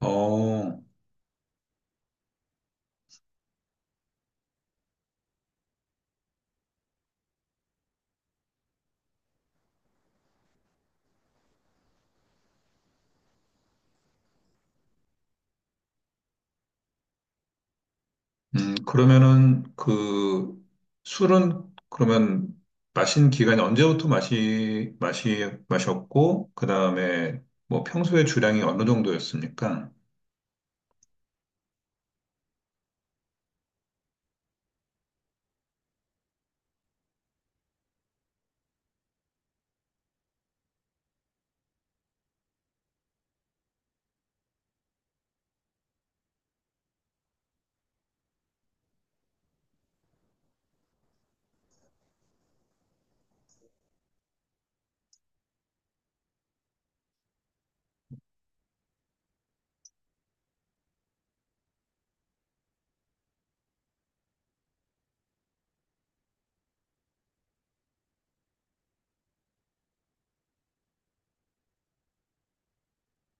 어, 그러면은 그 술은 그러면 마신 기간이 언제부터 마셨고, 그 다음에 뭐 평소에 주량이 어느 정도였습니까?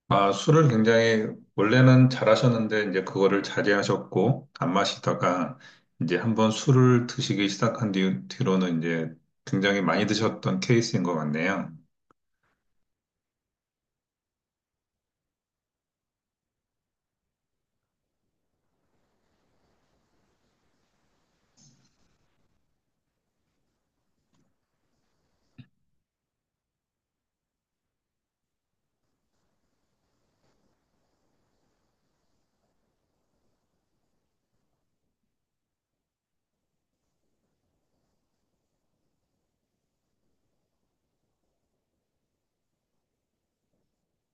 아, 술을 굉장히 원래는 잘하셨는데 이제 그거를 자제하셨고, 안 마시다가 이제 한번 술을 드시기 시작한 뒤로는 이제 굉장히 많이 드셨던 케이스인 것 같네요.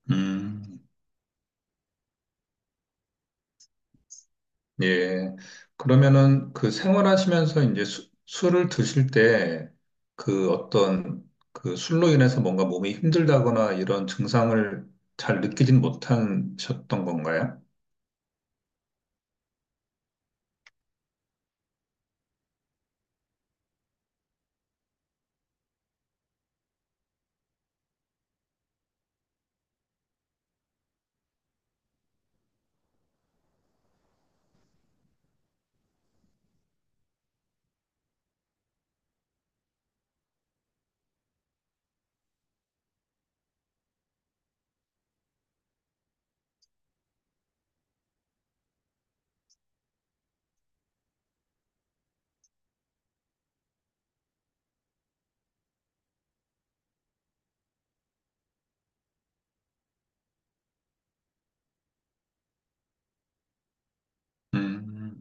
음. 예. 그러면은 그 생활하시면서 이제 술을 드실 때 그 어떤 그 술로 인해서 뭔가 몸이 힘들다거나 이런 증상을 잘 느끼진 못하셨던 건가요? 음.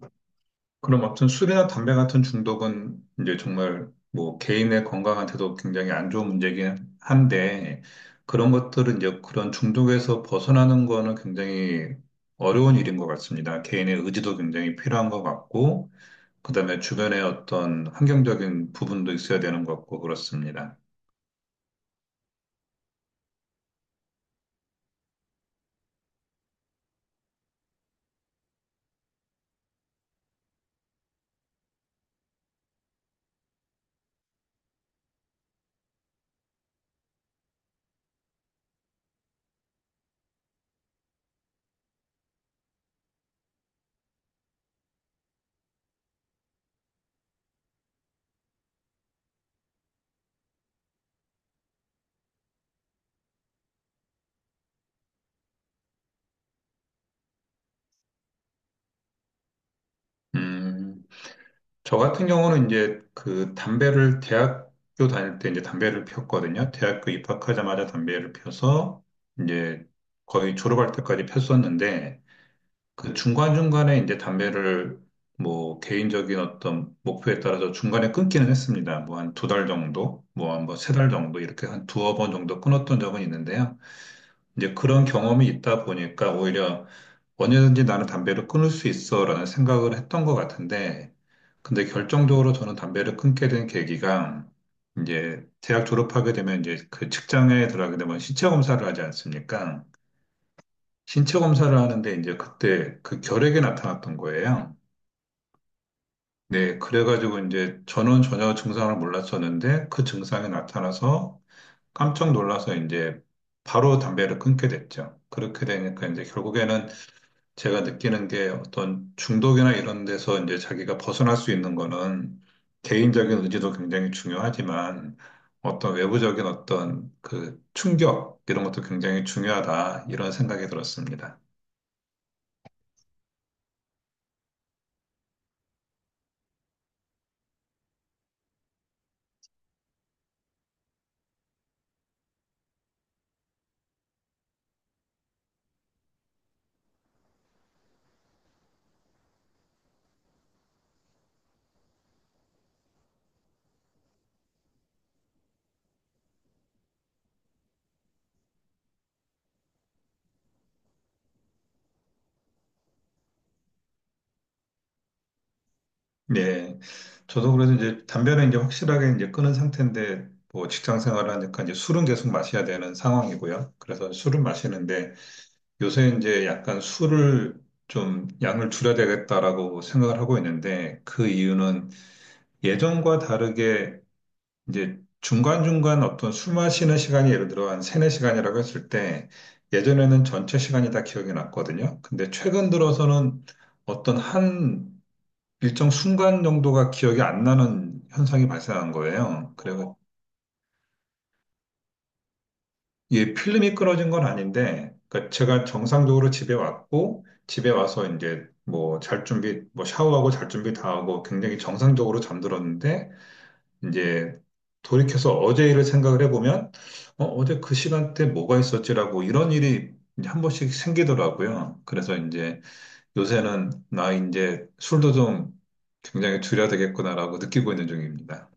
그럼 아무튼 술이나 담배 같은 중독은 이제 정말 뭐 개인의 건강한테도 굉장히 안 좋은 문제긴 한데, 그런 것들은 이제 그런 중독에서 벗어나는 거는 굉장히 어려운 일인 것 같습니다. 개인의 의지도 굉장히 필요한 것 같고, 그다음에 주변에 어떤 환경적인 부분도 있어야 되는 것 같고 그렇습니다. 음, 저 같은 경우는 이제 그 담배를 대학교 다닐 때 이제 담배를 피웠거든요. 대학교 입학하자마자 담배를 피워서 이제 거의 졸업할 때까지 폈었는데, 그 중간중간에 이제 담배를 뭐 개인적인 어떤 목표에 따라서 중간에 끊기는 했습니다. 뭐 한 두 달 정도, 뭐 한 뭐 세 달 정도 이렇게 한 두어 번 정도 끊었던 적은 있는데요. 이제 그런 경험이 있다 보니까 오히려 언제든지 나는 담배를 끊을 수 있어라는 생각을 했던 것 같은데, 근데 결정적으로 저는 담배를 끊게 된 계기가, 이제 대학 졸업하게 되면 이제 그 직장에 들어가게 되면 신체 검사를 하지 않습니까? 신체 검사를 하는데 이제 그때 그 결핵이 나타났던 거예요. 네, 그래가지고 이제 저는 전혀 증상을 몰랐었는데 그 증상이 나타나서 깜짝 놀라서 이제 바로 담배를 끊게 됐죠. 그렇게 되니까 이제 결국에는 제가 느끼는 게, 어떤 중독이나 이런 데서 이제 자기가 벗어날 수 있는 거는 개인적인 의지도 굉장히 중요하지만 어떤 외부적인 어떤 그 충격 이런 것도 굉장히 중요하다, 이런 생각이 들었습니다. 네. 저도 그래서 이제 담배는 이제 확실하게 이제 끊은 상태인데, 뭐 직장 생활을 하니까 이제 술은 계속 마셔야 되는 상황이고요. 그래서 술은 마시는데 요새 이제 약간 술을 좀 양을 줄여야 되겠다라고 생각을 하고 있는데, 그 이유는 예전과 다르게 이제 중간중간 어떤 술 마시는 시간이 예를 들어 한 세네 시간이라고 했을 때, 예전에는 전체 시간이 다 기억이 났거든요. 근데 최근 들어서는 어떤 한 일정 순간 정도가 기억이 안 나는 현상이 발생한 거예요. 그리고 이게 필름이 끊어진 건 아닌데, 그러니까 제가 정상적으로 집에 왔고 집에 와서 이제 뭐 잘 준비, 뭐 샤워하고 잘 준비 다 하고 굉장히 정상적으로 잠들었는데, 이제 돌이켜서 어제 일을 생각을 해보면 어제 그 시간대 뭐가 있었지라고, 이런 일이 이제 한 번씩 생기더라고요. 그래서 이제 요새는 나 이제 술도 좀 굉장히 줄여야 되겠구나라고 느끼고 있는 중입니다.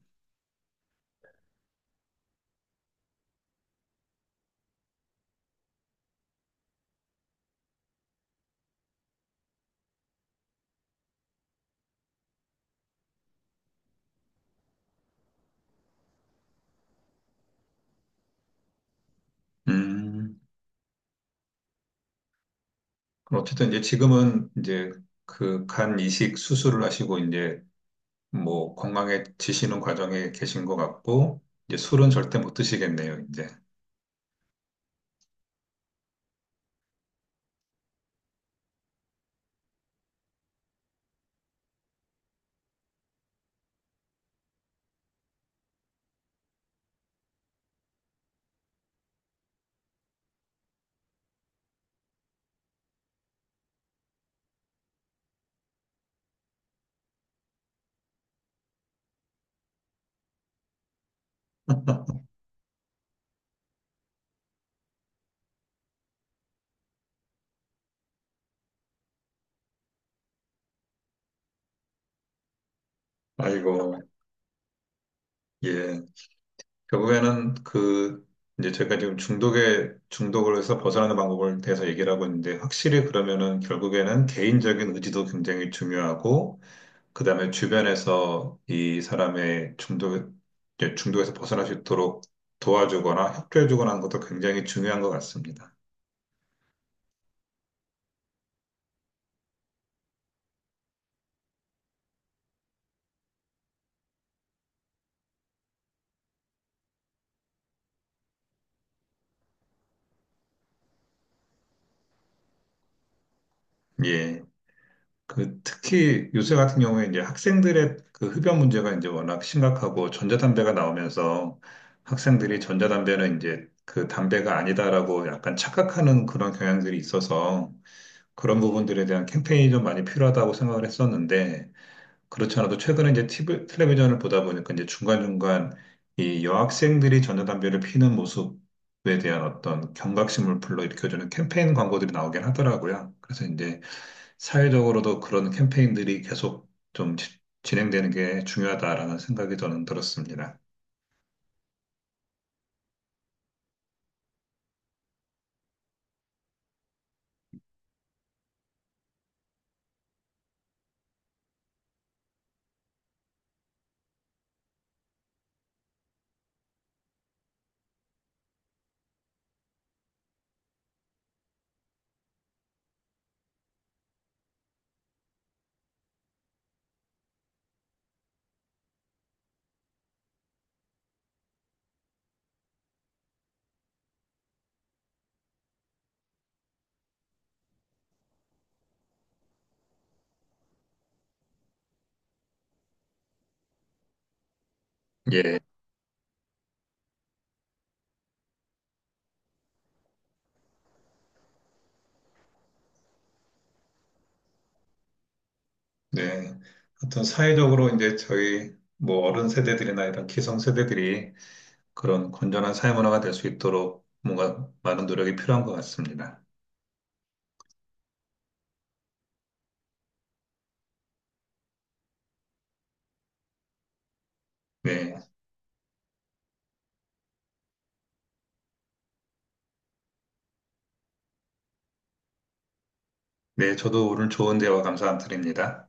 음, 그럼 어쨌든 이제 지금은 이제 그 간 이식 수술을 하시고 이제 뭐 건강해지시는 과정에 계신 것 같고, 이제 술은 절대 못 드시겠네요, 이제. 아이고, 예. 결국에는 그 이제 제가 지금 중독에 중독을 해서 벗어나는 방법을 대해서 얘기를 하고 있는데, 확실히 그러면은 결국에는 개인적인 의지도 굉장히 중요하고, 그다음에 주변에서 이 사람의 중독, 이제 중독에서 벗어날 수 있도록 도와주거나 협조해주거나 하는 것도 굉장히 중요한 것 같습니다. 예. 그 특히 요새 같은 경우에 이제 학생들의 그 흡연 문제가 이제 워낙 심각하고, 전자담배가 나오면서 학생들이 전자담배는 이제 그 담배가 아니다라고 약간 착각하는 그런 경향들이 있어서 그런 부분들에 대한 캠페인이 좀 많이 필요하다고 생각을 했었는데, 그렇지 않아도 최근에 이제 TV 텔레비전을 보다 보니까 이제 중간중간 이 여학생들이 전자담배를 피는 모습에 대한 어떤 경각심을 불러일으켜주는 캠페인 광고들이 나오긴 하더라고요. 그래서 이제 사회적으로도 그런 캠페인들이 계속 좀 진행되는 게 중요하다라는 생각이 저는 들었습니다. 예, 네. 하여튼 사회적으로 이제 저희 뭐 어른 세대들이나 이런 기성 세대들이 그런 건전한 사회 문화가 될 수 있도록 뭔가 많은 노력이 필요한 것 같습니다. 네, 네, 저도 오늘 좋은 대화 감사드립니다.